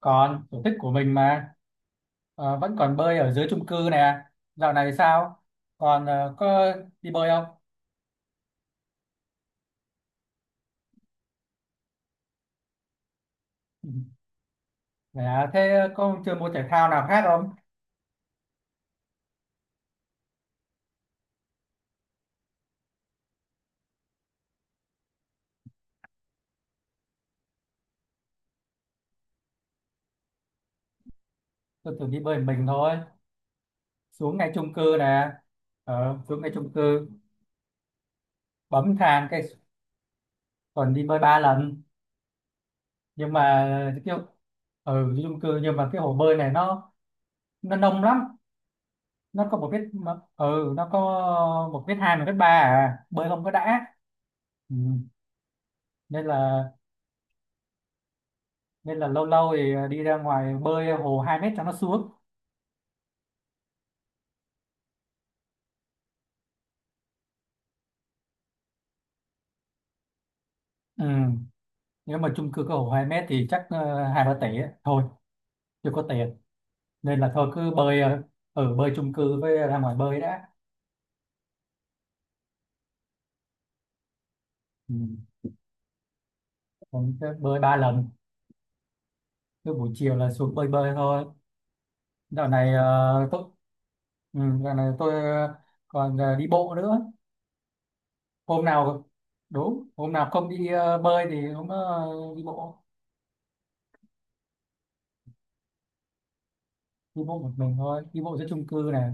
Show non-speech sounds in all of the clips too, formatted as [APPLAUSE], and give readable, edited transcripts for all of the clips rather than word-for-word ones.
Còn sở thích của mình mà. Vẫn còn bơi ở dưới chung cư nè. Dạo này sao? Còn có đi bơi không? Ừ. Dạ thế có chơi môn thể thao nào khác không? Tôi thường đi bơi mình thôi, xuống ngay chung cư nè. Xuống ngay chung cư, bấm thang cái. Còn đi bơi 3 lần, nhưng mà kiểu ở chung cư, nhưng mà cái hồ bơi này nó nông lắm. Nó có một mét nó có một mét hai, một mét ba, à bơi không có đã. Ừ. Nên là lâu lâu thì, à, đi ra ngoài bơi hồ 2 mét cho nó xuống. Ừ. Nếu mà chung cư có hồ 2 mét thì chắc hai ba tỷ ấy. Thôi chưa có tiền, nên là thôi cứ bơi, ở bơi chung cư với ra ngoài bơi đã. Ừ. Còn cứ bơi 3 lần, cứ buổi chiều là xuống bơi bơi thôi. Dạo này tôi dạo này tôi còn đi bộ nữa. Hôm nào đúng hôm nào không đi bơi thì hôm đó đi bộ. Đi bộ một mình thôi, đi bộ giữa chung cư này.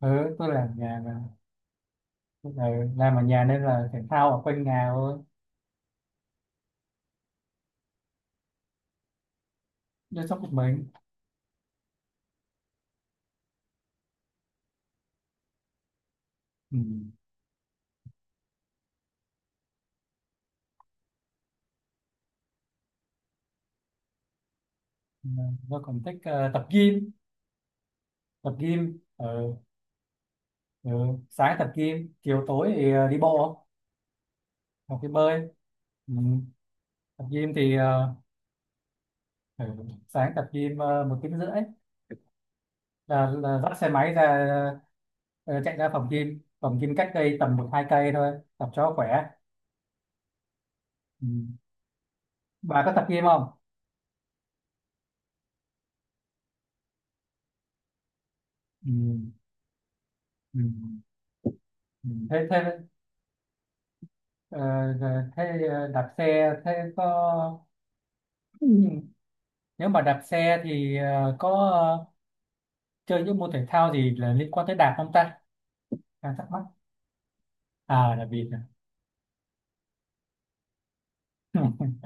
Ừ, tôi làm nhà mà. ừ, làm ở nhà nên là thể thao ở quanh nhà thôi. Chăm sóc một mình. Ừ. Tôi còn thích tập gym, tập gym. Ừ. Ừ. Sáng tập gym, chiều tối thì đi bộ hoặc đi bơi. Ừ. Tập gym thì, ừ, sáng tập gym 1,5 tiếng là dắt xe máy ra, chạy ra phòng gym, phòng gym cách đây tầm một hai cây thôi, tập cho khỏe. Ừ. Bà có tập gym không? Ừ. Ừ. Ừ. thế thế? Ờ, giờ thế đạp xe thế có, ừ, nếu mà đạp xe thì có chơi những môn thể thao gì là liên quan tới đạp không ta? Đang thắc mắc. À là vì [LAUGHS]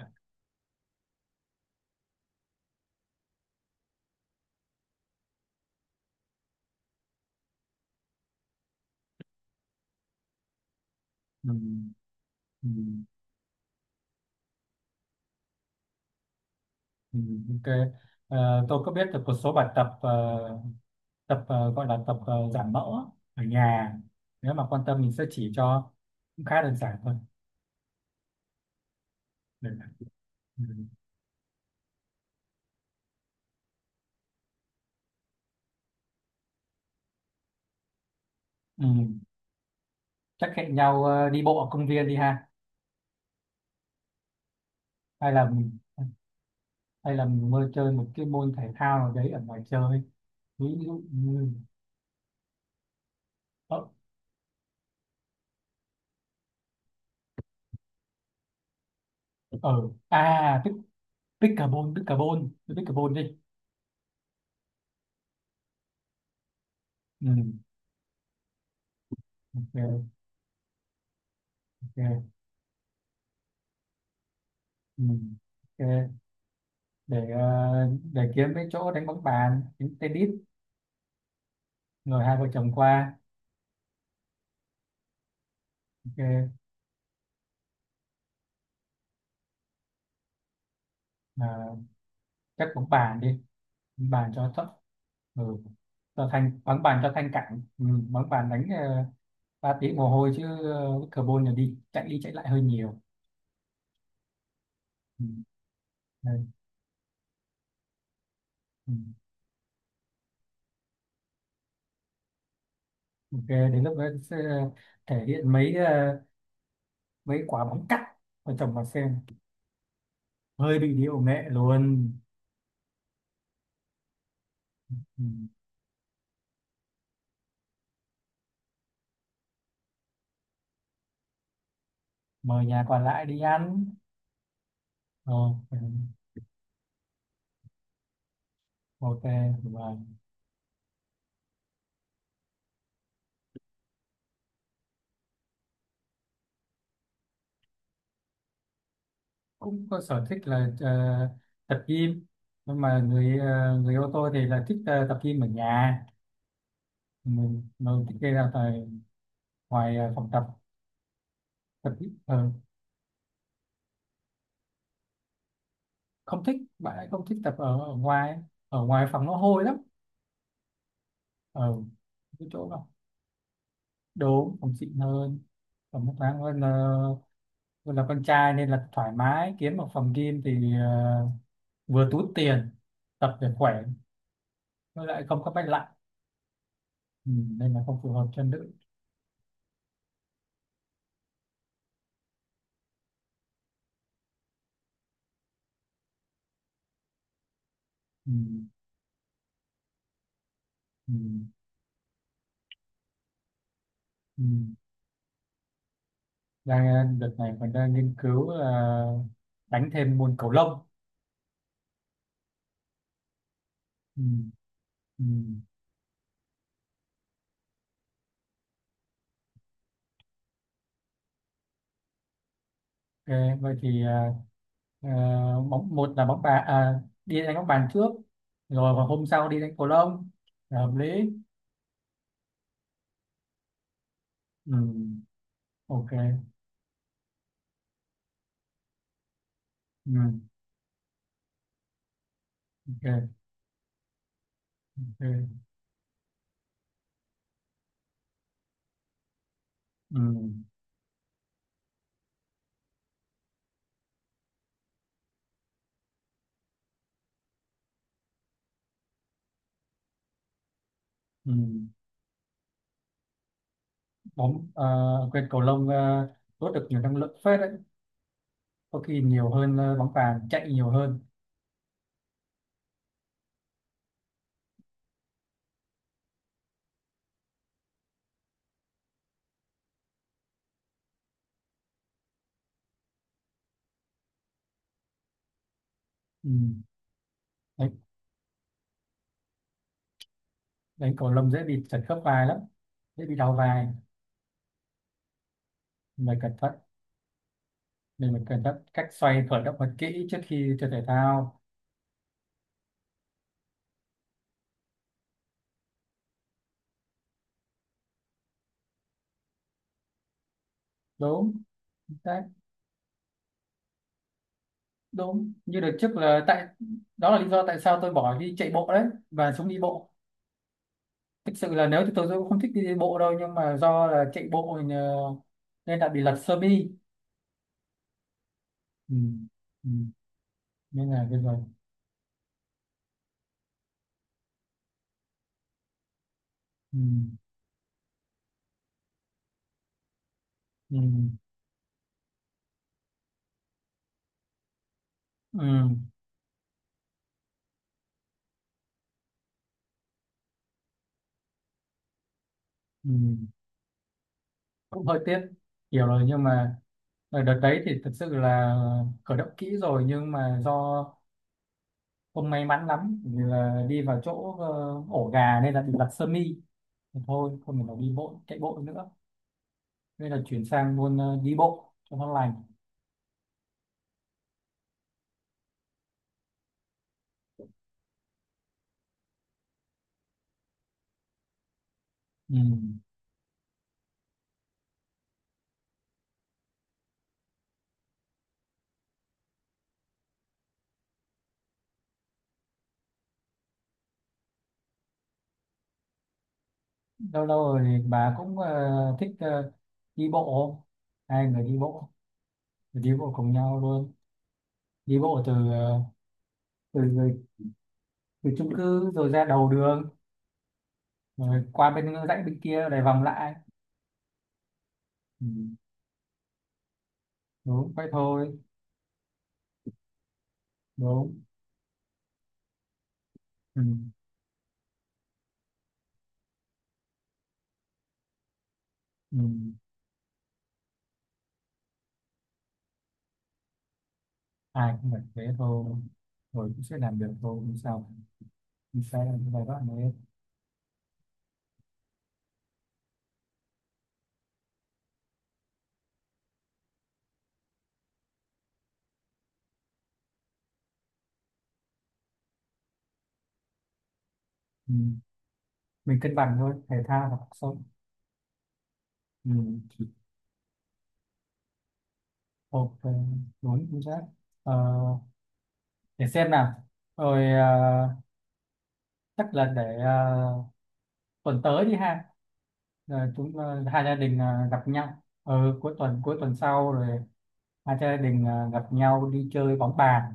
ừ, ừ, ừ, ừ, ok. Tôi có biết được một số bài tập, tập, gọi là tập giảm mỡ ở nhà. Nếu mà quan tâm mình sẽ chỉ cho, cũng khá đơn giản thôi. Đơn giản. Ừ. Ừ. Chắc hẹn nhau đi bộ ở công viên đi ha. Hay là mình Hay là mình mơ chơi một cái môn thể thao nào đấy ở ngoài chơi, ví dụ như, ở, ở à, pickleball pickleball. Chơi pickleball đi. Ừ. Ok. Ok. Ừ. Ok, để ờ, để kiếm cái chỗ đánh bóng bàn, đánh tennis rồi hai vợ chồng qua. Ok. À, chắc bóng bàn đi, bóng bàn cho thấp. Ừ. Cho thanh, bóng bàn cho thanh cản. Ừ. Bóng bàn đánh 3 tiếng mồ hôi chứ. Pickleball là đi chạy lại hơi nhiều. Ừ. Đây. Ừ. Ok, đến lúc đó sẽ thể hiện mấy quả bóng cắt và chồng vào xem, hơi bị điệu nghệ luôn. Ừ. Mời nhà còn lại đi ăn. Ờ, ừ, ok. Và cũng có sở thích là tập gym, nhưng mà người ô tô thì là thích tập gym ở nhà. Mình thích đi ra tại ngoài, phòng tập. Tập gym. Ờ, không thích, bạn ấy không thích tập ở ngoài, ở ngoài phòng nó hôi lắm. Ở cái chỗ đó, đúng, phòng xịn hơn, phòng nước khoáng hơn là, hơn là con trai nên là thoải mái kiếm một phòng gym thì vừa túi tiền, tập để khỏe, với lại không có bách lạnh. ừ, Nên là không phù hợp cho nữ. Ừ, ừ, ừ. Đang, đợt này mình đang nghiên cứu là đánh thêm môn cầu lông. Ừ, ừ. Ok, vậy thì, ờ, một là bóng bàn, à, đi đánh bóng bàn trước, rồi vào hôm sau đi đánh cầu lông là hợp lý. Ừ, ok. Ừ. Ok, ok. Ừ, ừ. Bóng, à quên, cầu lông, à, đốt được nhiều năng lượng phết đấy, có khi nhiều hơn, à, bóng bàn, chạy nhiều hơn. Ừ. Đấy, đánh cầu lông dễ bị trật khớp vai lắm, dễ bị đau vai. Mình cẩn thận, mình phải cẩn thận cách xoay, khởi động thật kỹ trước khi chơi thể thao. Đúng đấy, đúng như đợt trước là tại đó là lý do tại sao tôi bỏ đi chạy bộ đấy và xuống đi bộ. Thực sự là nếu thì tôi cũng không thích đi đi bộ đâu, nhưng mà do là chạy bộ nên đã bị lật sơ mi. Ừ, ừ. Nên là bây giờ, ừ, ừ, ừ, ừ, cũng hơi tiếc. Hiểu rồi nhưng mà ở đợt đấy thì thực sự là khởi động kỹ rồi, nhưng mà do không may mắn lắm vì là đi vào chỗ ổ gà nên là bị lật sơ mi. Thì thôi không thể nào đi bộ chạy bộ nữa, nên là chuyển sang luôn đi bộ cho nó lành. Ừ. Lâu lâu rồi thì bà cũng thích đi bộ, hai người đi bộ, đi bộ cùng nhau luôn. Đi bộ từ, từ từ chung cư rồi ra đầu đường, rồi qua bên dãy bên kia lại vòng lại. Ừ. Đúng vậy thôi. Đúng. Ừ. Ừ. Ai cũng phải thế thôi, rồi cũng sẽ làm được thôi, không sao. Mình sẽ làm cái bài đó này. Ừ. Mình cân bằng thôi, thể thao và cuộc sống. Ừ. Ok, đúng chính xác. ờ, để xem nào, rồi, chắc là để, tuần tới đi ha. Rồi chúng, hai gia đình gặp nhau, cuối tuần sau rồi hai gia đình gặp nhau đi chơi bóng bàn,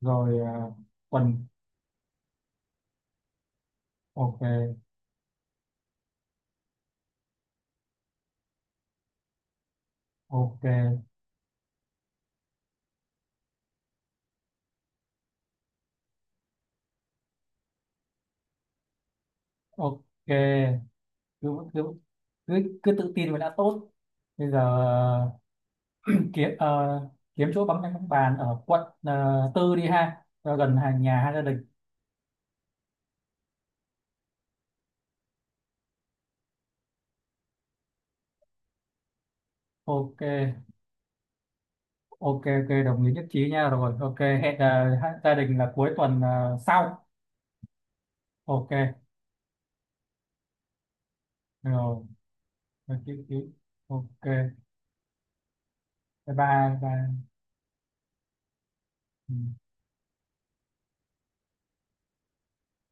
rồi quần, ok, ok, ok. Cứ cứ cứ tự tin là đã tốt. Bây giờ ờ, kiếm, kiếm chỗ bóng bóng bàn ở quận, tư đi ha cho gần hàng nhà hai gia đình. Ok, ok, ok, đồng ý nhất trí nha. Rồi ok, hẹn hai gia đình là cuối tuần sau. Ok. Rồi. Ok, ok. Ok, bye bye, bye. Ừ.